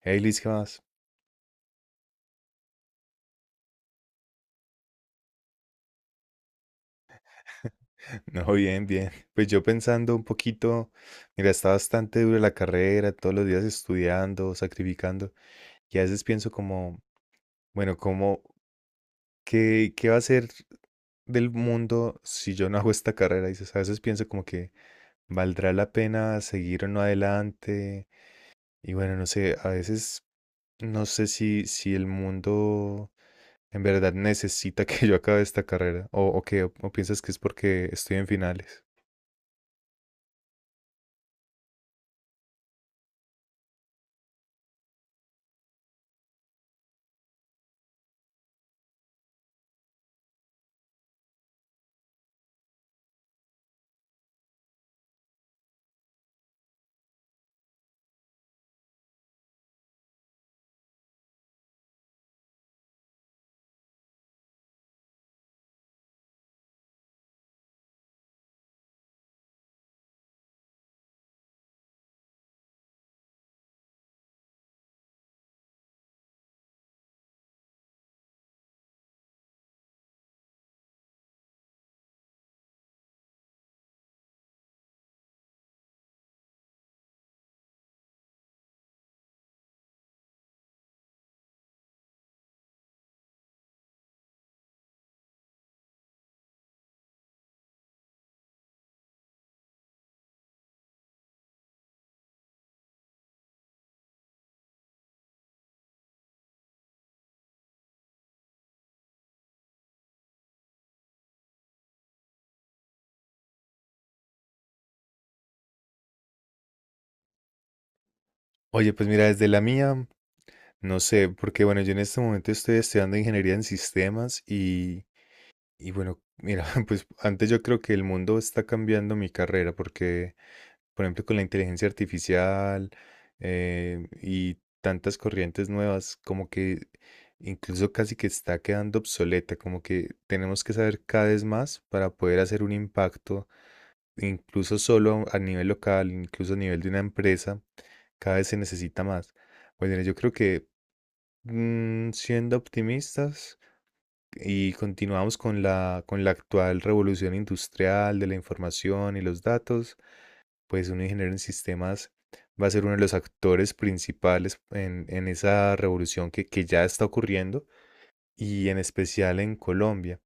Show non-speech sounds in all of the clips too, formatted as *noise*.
Hey Liz, ¿qué más? *laughs* No, bien, bien. Pues yo pensando un poquito, mira, está bastante dura la carrera, todos los días estudiando, sacrificando, y a veces pienso como, bueno, como, ¿qué va a ser del mundo si yo no hago esta carrera? Dices, a veces pienso como que valdrá la pena seguir o no adelante, y bueno, no sé, a veces no sé si el mundo en verdad necesita *laughs* que yo acabe esta carrera, o qué, o piensas que es porque estoy en finales. Oye, pues mira, desde la mía, no sé, porque bueno, yo en este momento estoy estudiando ingeniería en sistemas y bueno, mira, *laughs* pues antes yo creo que el mundo está cambiando mi carrera porque, por ejemplo, con la inteligencia artificial y tantas corrientes nuevas, como que incluso casi que está quedando obsoleta, como que tenemos que saber cada vez más para poder hacer un impacto, incluso solo a nivel local, incluso a nivel de una empresa. Cada vez se necesita más. Bueno, yo creo que siendo optimistas y continuamos con la actual revolución industrial de la información y los datos, pues un ingeniero en sistemas va a ser uno de los actores principales en esa revolución que ya está ocurriendo y en especial en Colombia.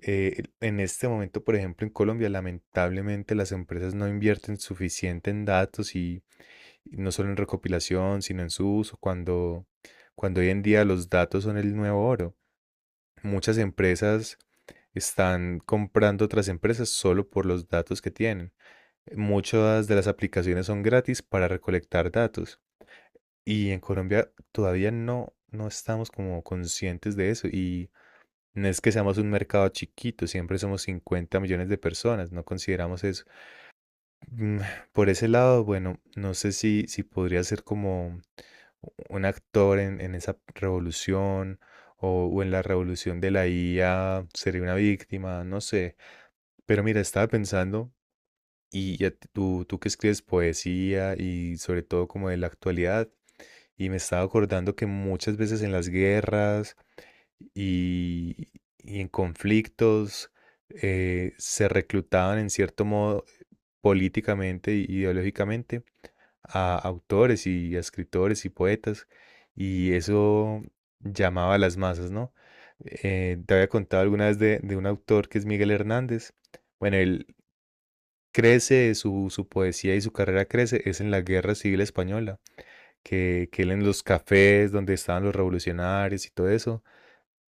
En este momento, por ejemplo, en Colombia, lamentablemente las empresas no invierten suficiente en datos y no solo en recopilación, sino en su uso, cuando, cuando hoy en día los datos son el nuevo oro. Muchas empresas están comprando otras empresas solo por los datos que tienen. Muchas de las aplicaciones son gratis para recolectar datos y en Colombia todavía no, no estamos como conscientes de eso y no es que seamos un mercado chiquito, siempre somos 50 millones de personas, no consideramos eso. Mm, Por ese lado, bueno, no sé si podría ser como un actor en esa revolución o en la revolución de la IA sería una víctima, no sé. Pero mira, estaba pensando, y ya tú que escribes poesía y sobre todo como de la actualidad, y me estaba acordando que muchas veces en las guerras y, y en conflictos se reclutaban en cierto modo políticamente y ideológicamente a autores y a escritores y poetas, y eso llamaba a las masas, ¿no? Te había contado alguna vez de un autor que es Miguel Hernández. Bueno, él crece, su poesía y su carrera crece, es en la Guerra Civil Española, que él en los cafés donde estaban los revolucionarios y todo eso,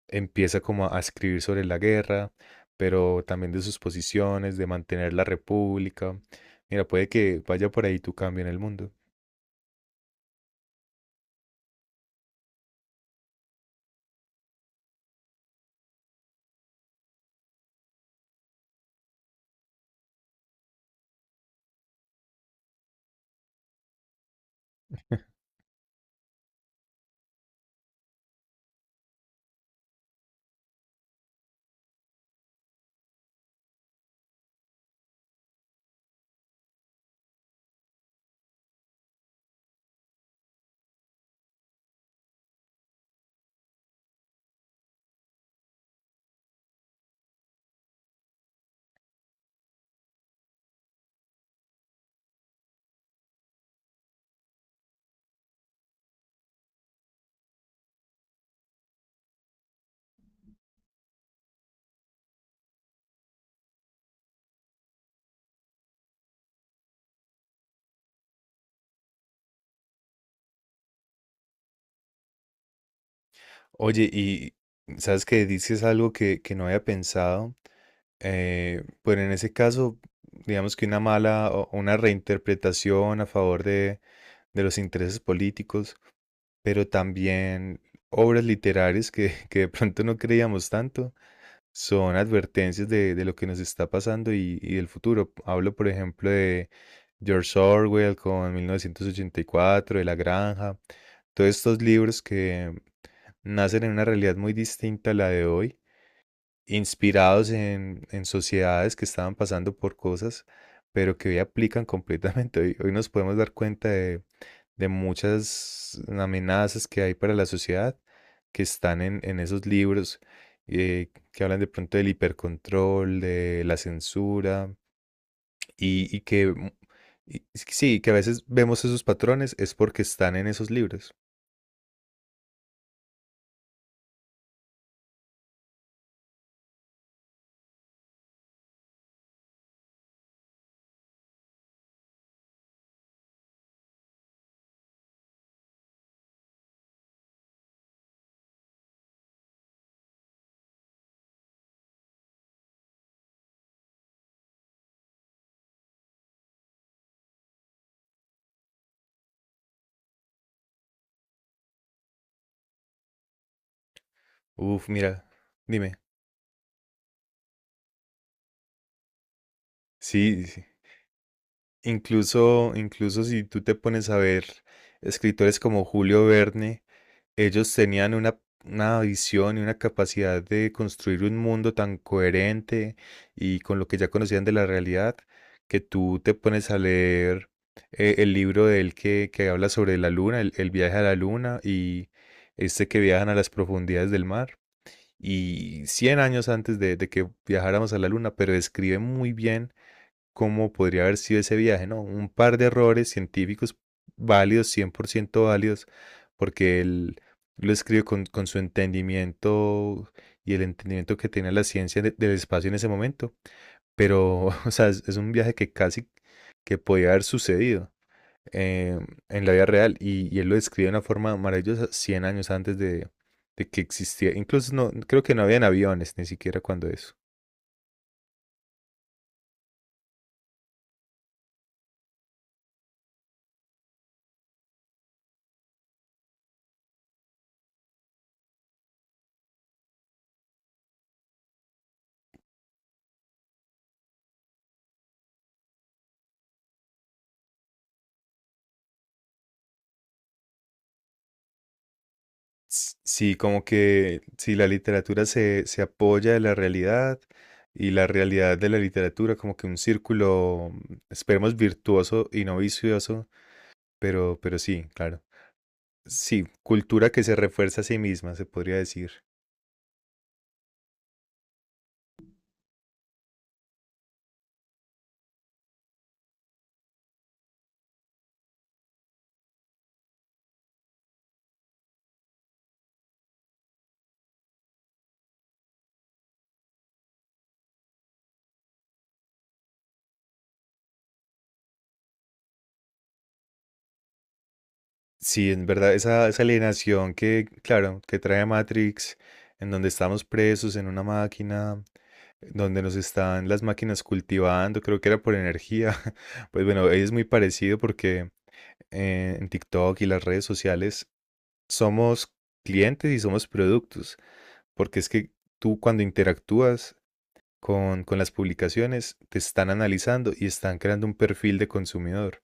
empieza como a escribir sobre la guerra, pero también de sus posiciones, de mantener la república. Mira, puede que vaya por ahí tu cambio en el mundo. *laughs* Oye, y sabes que dices algo que no había pensado, pero en ese caso, digamos que una mala o una reinterpretación a favor de los intereses políticos, pero también obras literarias que, *laughs* que de pronto no creíamos tanto, son advertencias de lo que nos está pasando y del futuro. Hablo, por ejemplo, de George Orwell con 1984 de La Granja, todos estos libros que nacen en una realidad muy distinta a la de hoy, inspirados en sociedades que estaban pasando por cosas, pero que hoy aplican *laughs* completamente. Hoy, hoy nos podemos dar cuenta de muchas amenazas que hay para la sociedad que están en esos libros que hablan de pronto del hipercontrol, de la censura y que y sí, que a veces vemos esos patrones es porque están en esos libros. Uf, mira, dime. Sí, sí. Incluso, incluso si tú te pones a ver escritores como Julio Verne, ellos tenían una visión y una capacidad de construir un mundo tan coherente y con lo que ya conocían de la realidad, que tú te pones a leer el libro de él que habla sobre la luna, el viaje a la luna y este que viajan a las profundidades del mar. Y 100 años antes de que viajáramos a la luna, pero describe muy bien cómo podría haber sido ese viaje, ¿no? Un par de errores científicos válidos, 100% válidos, porque él lo escribe con su entendimiento y el entendimiento que tenía la ciencia del espacio en ese momento. Pero, *laughs* o sea, es un viaje que casi que podía haber sucedido eh, en la vida real y él lo describe de una forma maravillosa 100 años antes de que existiera. Incluso no, creo que no habían aviones ni siquiera cuando eso. Sí, como que si la literatura se, se apoya de la realidad y la realidad de la literatura, como que un círculo, esperemos, virtuoso y no vicioso, pero sí, claro. Sí, cultura que se refuerza a sí misma, se podría decir. Sí, en verdad, esa alienación que, claro, que trae Matrix, en donde estamos presos en una máquina, donde nos están las máquinas cultivando, creo que era por energía. *laughs* Pues bueno, ahí es muy parecido porque en TikTok y las redes sociales, somos clientes y somos productos, porque es que tú cuando interactúas con las publicaciones, te están analizando y están creando un perfil de consumidor.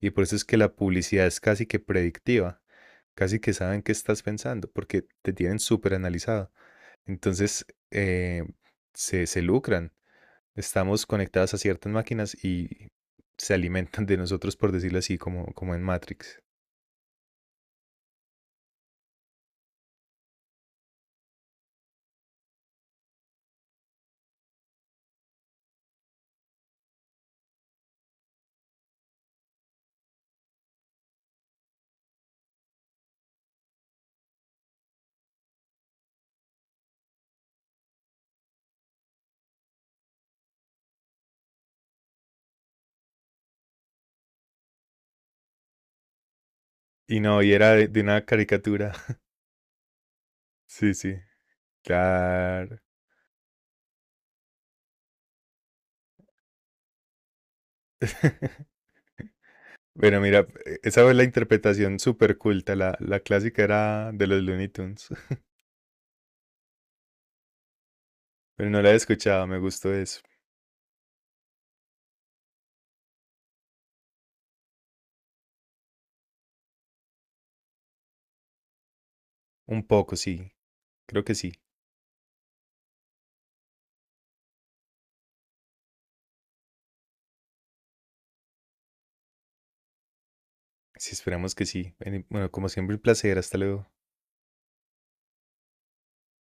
Y por eso es que la publicidad es casi que predictiva, casi que saben qué estás pensando, porque te tienen súper analizado. Entonces, se, se lucran. Estamos conectados a ciertas máquinas y se alimentan de nosotros, por decirlo así, como, como en Matrix. Y no, y era de una caricatura. *laughs* Sí, sí, claro. *laughs* Bueno, mira, esa fue la interpretación súper culta. La clásica era de los Looney Tunes. *laughs* Pero no la he escuchado, me gustó eso. Un poco, sí. Creo que sí. Sí, esperamos que sí. Bueno, bueno, como siempre, un placer. Hasta luego.